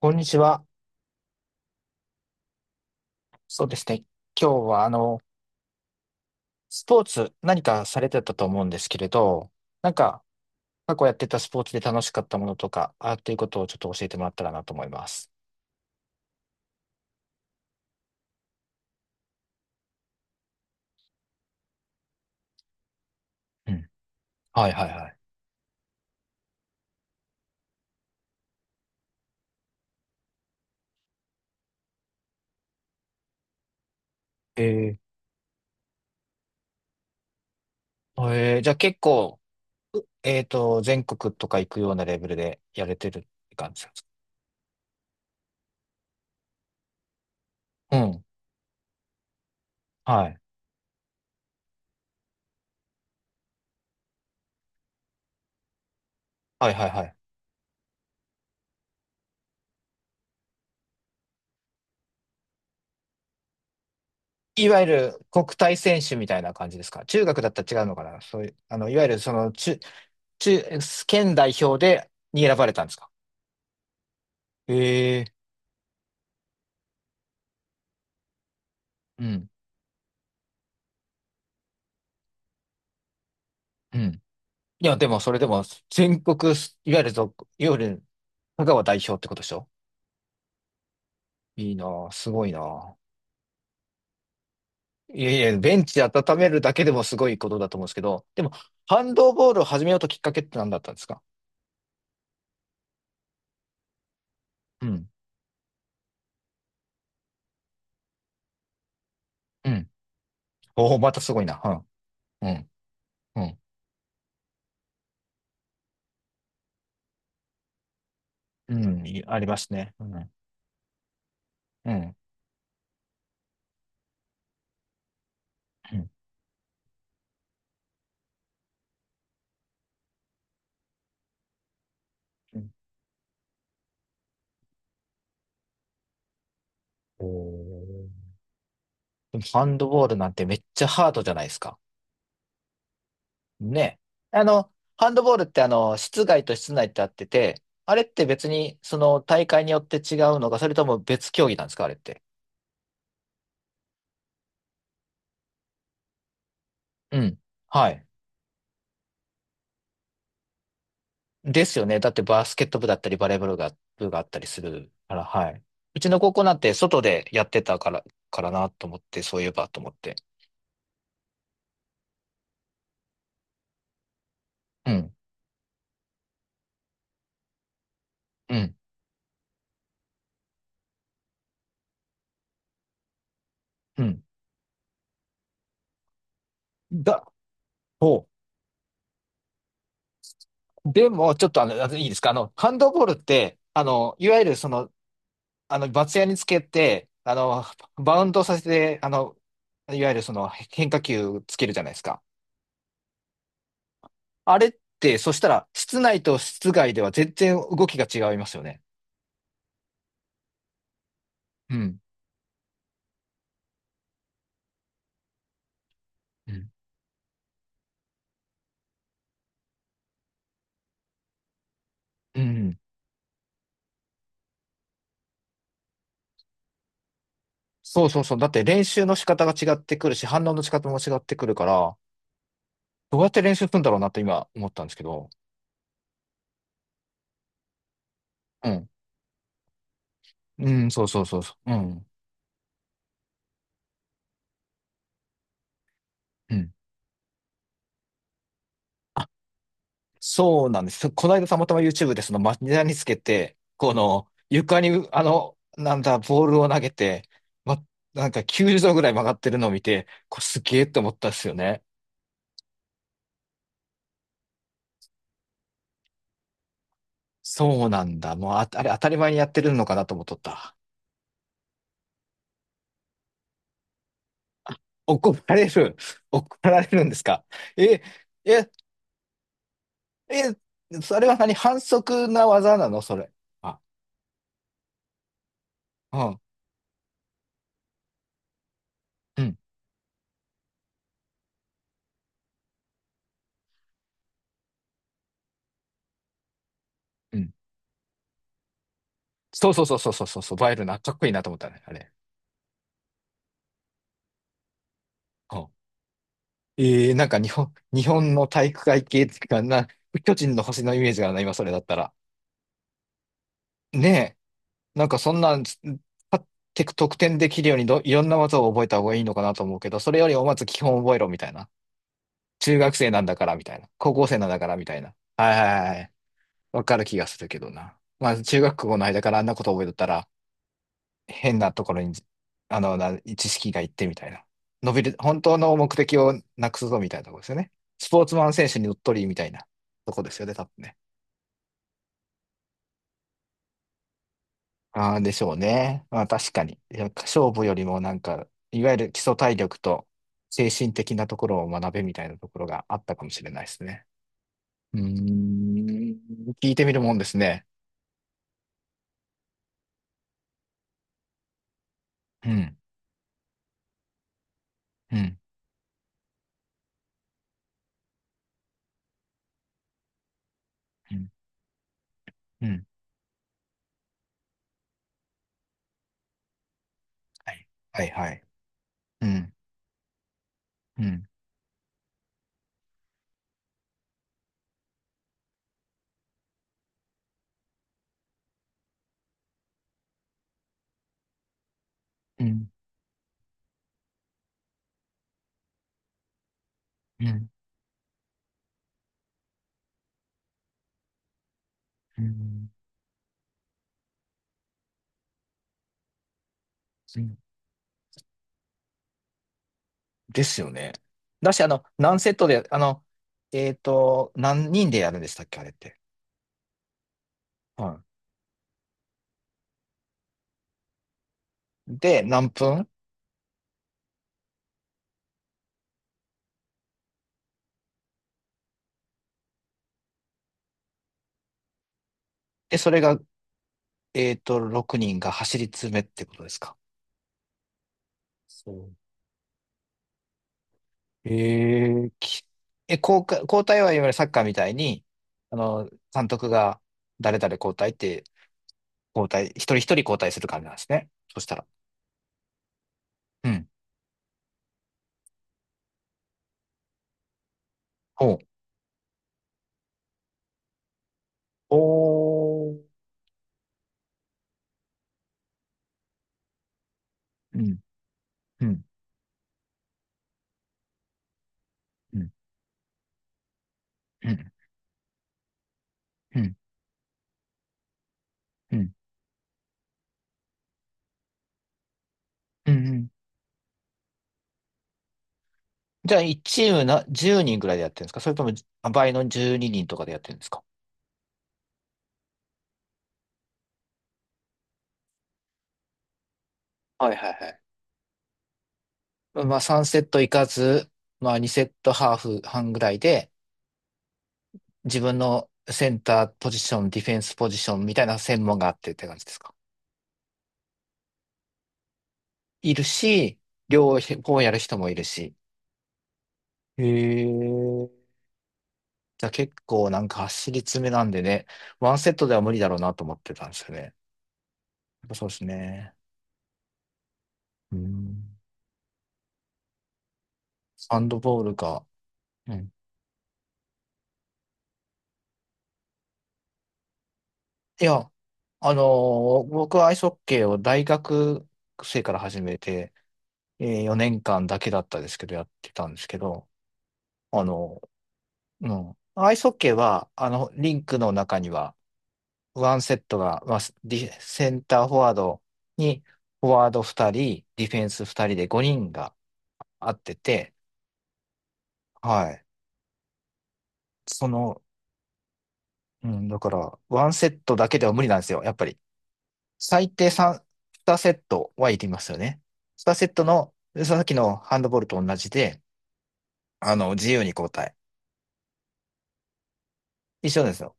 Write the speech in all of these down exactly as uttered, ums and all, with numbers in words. こんにちは。そうですね。今日は、あの、スポーツ何かされてたと思うんですけれど、なんか、過去やってたスポーツで楽しかったものとか、あっていうことをちょっと教えてもらったらなと思います。うん。はいはいはい。えー、えーじゃあ結構、うえっと、全国とか行くようなレベルでやれてるって感じなんですか？うん。はい。はいはいはい。いわゆる国体選手みたいな感じですか？中学だったら違うのかな？そういう、あの、いわゆるその、中、中、県代表でに選ばれたんですか？ええ。うん。うん。いや、でもそれでも全国、いわゆるぞ、いわゆる香川代表ってことでしょ？いいなぁ、すごいなぁ。いやいや、ベンチ温めるだけでもすごいことだと思うんですけど、でも、ハンドボールを始めようときっかけって何だったんですか？うん。うん。おおまたすごいな。うん、うん、うん、うんいありますね。うん、うん、うん。うん。おー。でもハンドボールなんてめっちゃハードじゃないですか。ね。あの、ハンドボールってあの、室外と室内ってあってて、あれって別にその大会によって違うのか、それとも別競技なんですか、あれって。うん。はい。ですよね。だってバスケット部だったりバレーボールが、部があったりするから、はい。うちの高校なんて外でやってたから、からなと思って、そういえばと思って。うん。うん。うん。だ、ほう。でも、ちょっとあの、あのいいですか？あの、ハンドボールって、あの、いわゆるその、あの、バツ屋につけて、あの、バウンドさせて、あの、いわゆるその変化球つけるじゃないですか。あれって、そしたら、室内と室外では全然動きが違いますよね。うん。うん。うん。そうそうそう。だって練習の仕方が違ってくるし、反応の仕方も違ってくるから、どうやって練習するんだろうなって今思ったんですけど。うん。うん、そうそうそうそう。うん。うん。そうなんです。この間たまたま YouTube でその町田につけて、この床にあの、なんだ、ボールを投げて、ま、なんかきゅうじゅうどぐらい曲がってるのを見て、これすげえって思ったんですよね。そうなんだ。もうあ、あれ当たり前にやってるのかなと思っとった。怒られる。怒られるんですか？え、え、え、それは何反則な技なのそれ？あ、うん、うん、うん。そうそうそうそうそうそう、バイルな、かっこいいなと思ったね、あれ。ええ、なんか日本、日本の体育会系っていうかな、巨人の星のイメージがない、今それだったら。ね。え、なんかそんなん、勝ってく得点できるようにど、いろんな技を覚えた方がいいのかなと思うけど、それよりもまず基本覚えろみたいな。中学生なんだからみたいな。高校生なんだからみたいな。はいはいはい。わかる気がするけどな。まあ中学校の間からあんなこと覚えとったら、変なところに、あの、な知識がいってみたいな。伸びる、本当の目的をなくすぞみたいなところですよね。スポーツマン選手にうっとりみたいなとこですよね、多分ね。ああ、でしょうね。まあ確かに。いや勝負よりもなんか、いわゆる基礎体力と精神的なところを学べみたいなところがあったかもしれないですね。うーん、聞いてみるもんですね。うん、うん、うん、うん。はい、はい、はい。うん、うん、うん、うん、うん。ですよね。だし、あの、何セットで、あの、えっと、何人でやるんでしたっけ、あれって。はい。で、何分で、それが、えっと、ろくにんが走り詰めってことですか？そう。えー、き、え、交代、交代はいわゆるサッカーみたいに、あの、監督が誰々交代って、交代、一人一人交代する感じなんですね。そしたら。うん。ほう。おー。うん。うん。うん。うん。うん。うん。うん。うん。じゃあ、いちチームなじゅうにんぐらいでやってるんですか？それともあ倍のじゅうににんとかでやってるんですか？はいはいはい。まあ、さんセットいかず、まあ、にセットハーフ半ぐらいで、自分のセンターポジション、ディフェンスポジションみたいな専門があってって感じですか？いるし、両方やる人もいるし。へー。じゃあ結構なんか走り詰めなんでね、ワンセットでは無理だろうなと思ってたんですよね。やっぱそうですね。うん。サンドボールか。うん。いや、あのー僕はアイスホッケーを大学生から始めて、えーよねんかんだけだったですけど、やってたんですけど、あのーうん。アイスホッケーは、あの、リンクの中には、ワンセットが、まあ、ディセンターフォワードに、フォワードふたり、ディフェンスふたりでごにんが合ってて、はい。その、うん、だから、ワンセットだけでは無理なんですよ、やっぱり。最低さん、にセットは行きますよね。2セットの、さっきのハンドボールと同じで、あの、自由に交代。一緒ですよ。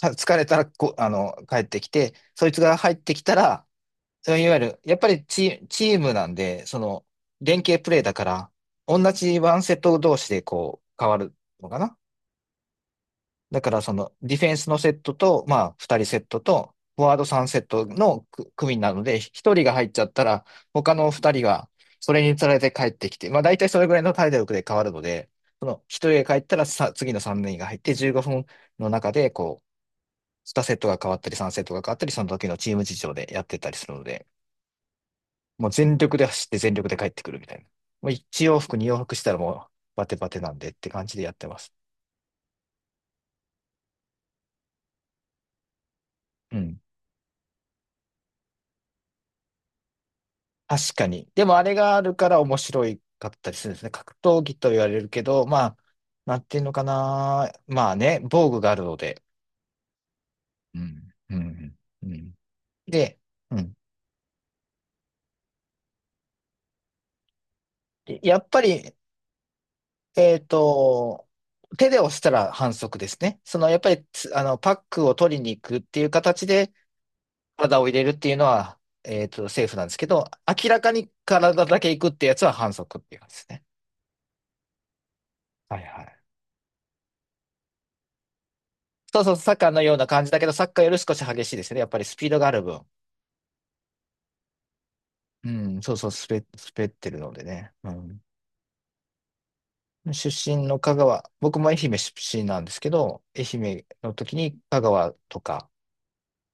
か疲れたらこ、あの、帰ってきて、そいつが入ってきたら、そういわゆる、やっぱりチ、チームなんで、その、連携プレーだから、同じワンセット同士でこう、変わるのかな？だからそのディフェンスのセットと、まあふたりセットと、フォワードさんセットのく組なので、ひとりが入っちゃったら、他のふたりがそれにつられて帰ってきて、まあ大体それぐらいの体力で変わるので、そのひとりが帰ったらさ、次のさんにんが入ってじゅうごふんの中で、こう、にセットが変わったりさんセットが変わったり、その時のチーム事情でやってたりするので、もう全力で走って全力で帰ってくるみたいな。もういち往復に往復したらもうバテバテなんでって感じでやってます。うん。確かに。でもあれがあるから面白いかったりするんですね。格闘技と言われるけど、まあ、なんていうのかな。まあね、防具があるので。うん、うん、うん。で、うん。やっぱり、えっと、手で押したら反則ですね。その、やっぱりつ、あの、パックを取りに行くっていう形で体を入れるっていうのは、えっと、セーフなんですけど、明らかに体だけ行くってやつは反則っていうやつですね。はいはい。そうそう、サッカーのような感じだけど、サッカーより少し激しいですね。やっぱりスピードがある分。うん、そうそう、滑、滑ってるのでね。うん。出身の香川、僕も愛媛出身なんですけど、愛媛の時に香川とか、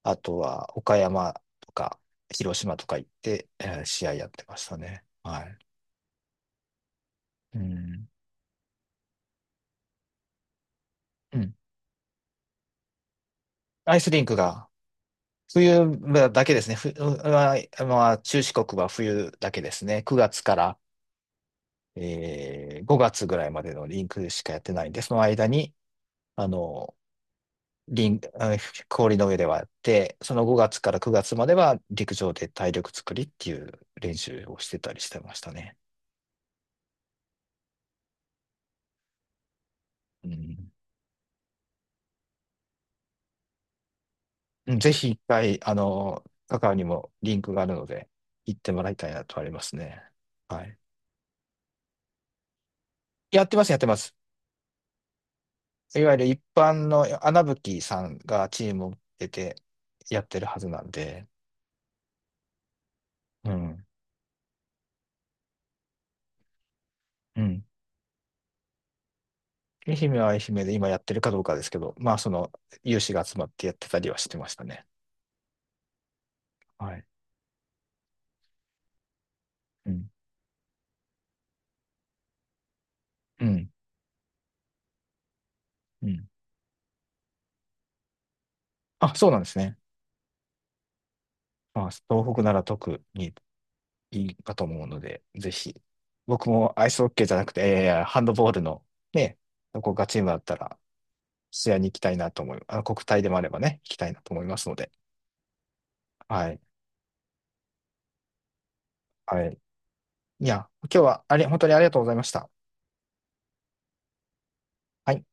あとは岡山とか、広島とか行って、えー試合やってましたね。はい。うん。うん。アイスリンクが、冬だけですね。ふ、ううまあ、中四国は冬だけですね。くがつからえーごがつぐらいまでのリンクしかやってないんで、その間に、あの、リン、あ氷の上ではやって、そのごがつからくがつまでは陸上で体力作りっていう練習をしてたりしてましたね。うん。うん、ぜひ一回、あの、カカオにもリンクがあるので、行ってもらいたいなとありますね。はい。やってます、やってます。いわゆる一般の穴吹さんがチームを出てやってるはずなんで、うん。うん。愛媛は愛媛で今やってるかどうかですけど、まあ、その、有志が集まってやってたりはしてましたね。はい。うん。うん。うん。あ、そうなんですね。まあ、東北なら特にいいかと思うので、ぜひ。僕もアイスホッケーじゃなくて、えー、ハンドボールのね、どこがチームだったら、試合に行きたいなと思い、あの国体でもあればね、行きたいなと思いますので。はい。はい。いや、今日はあれ、本当にありがとうございました。はい。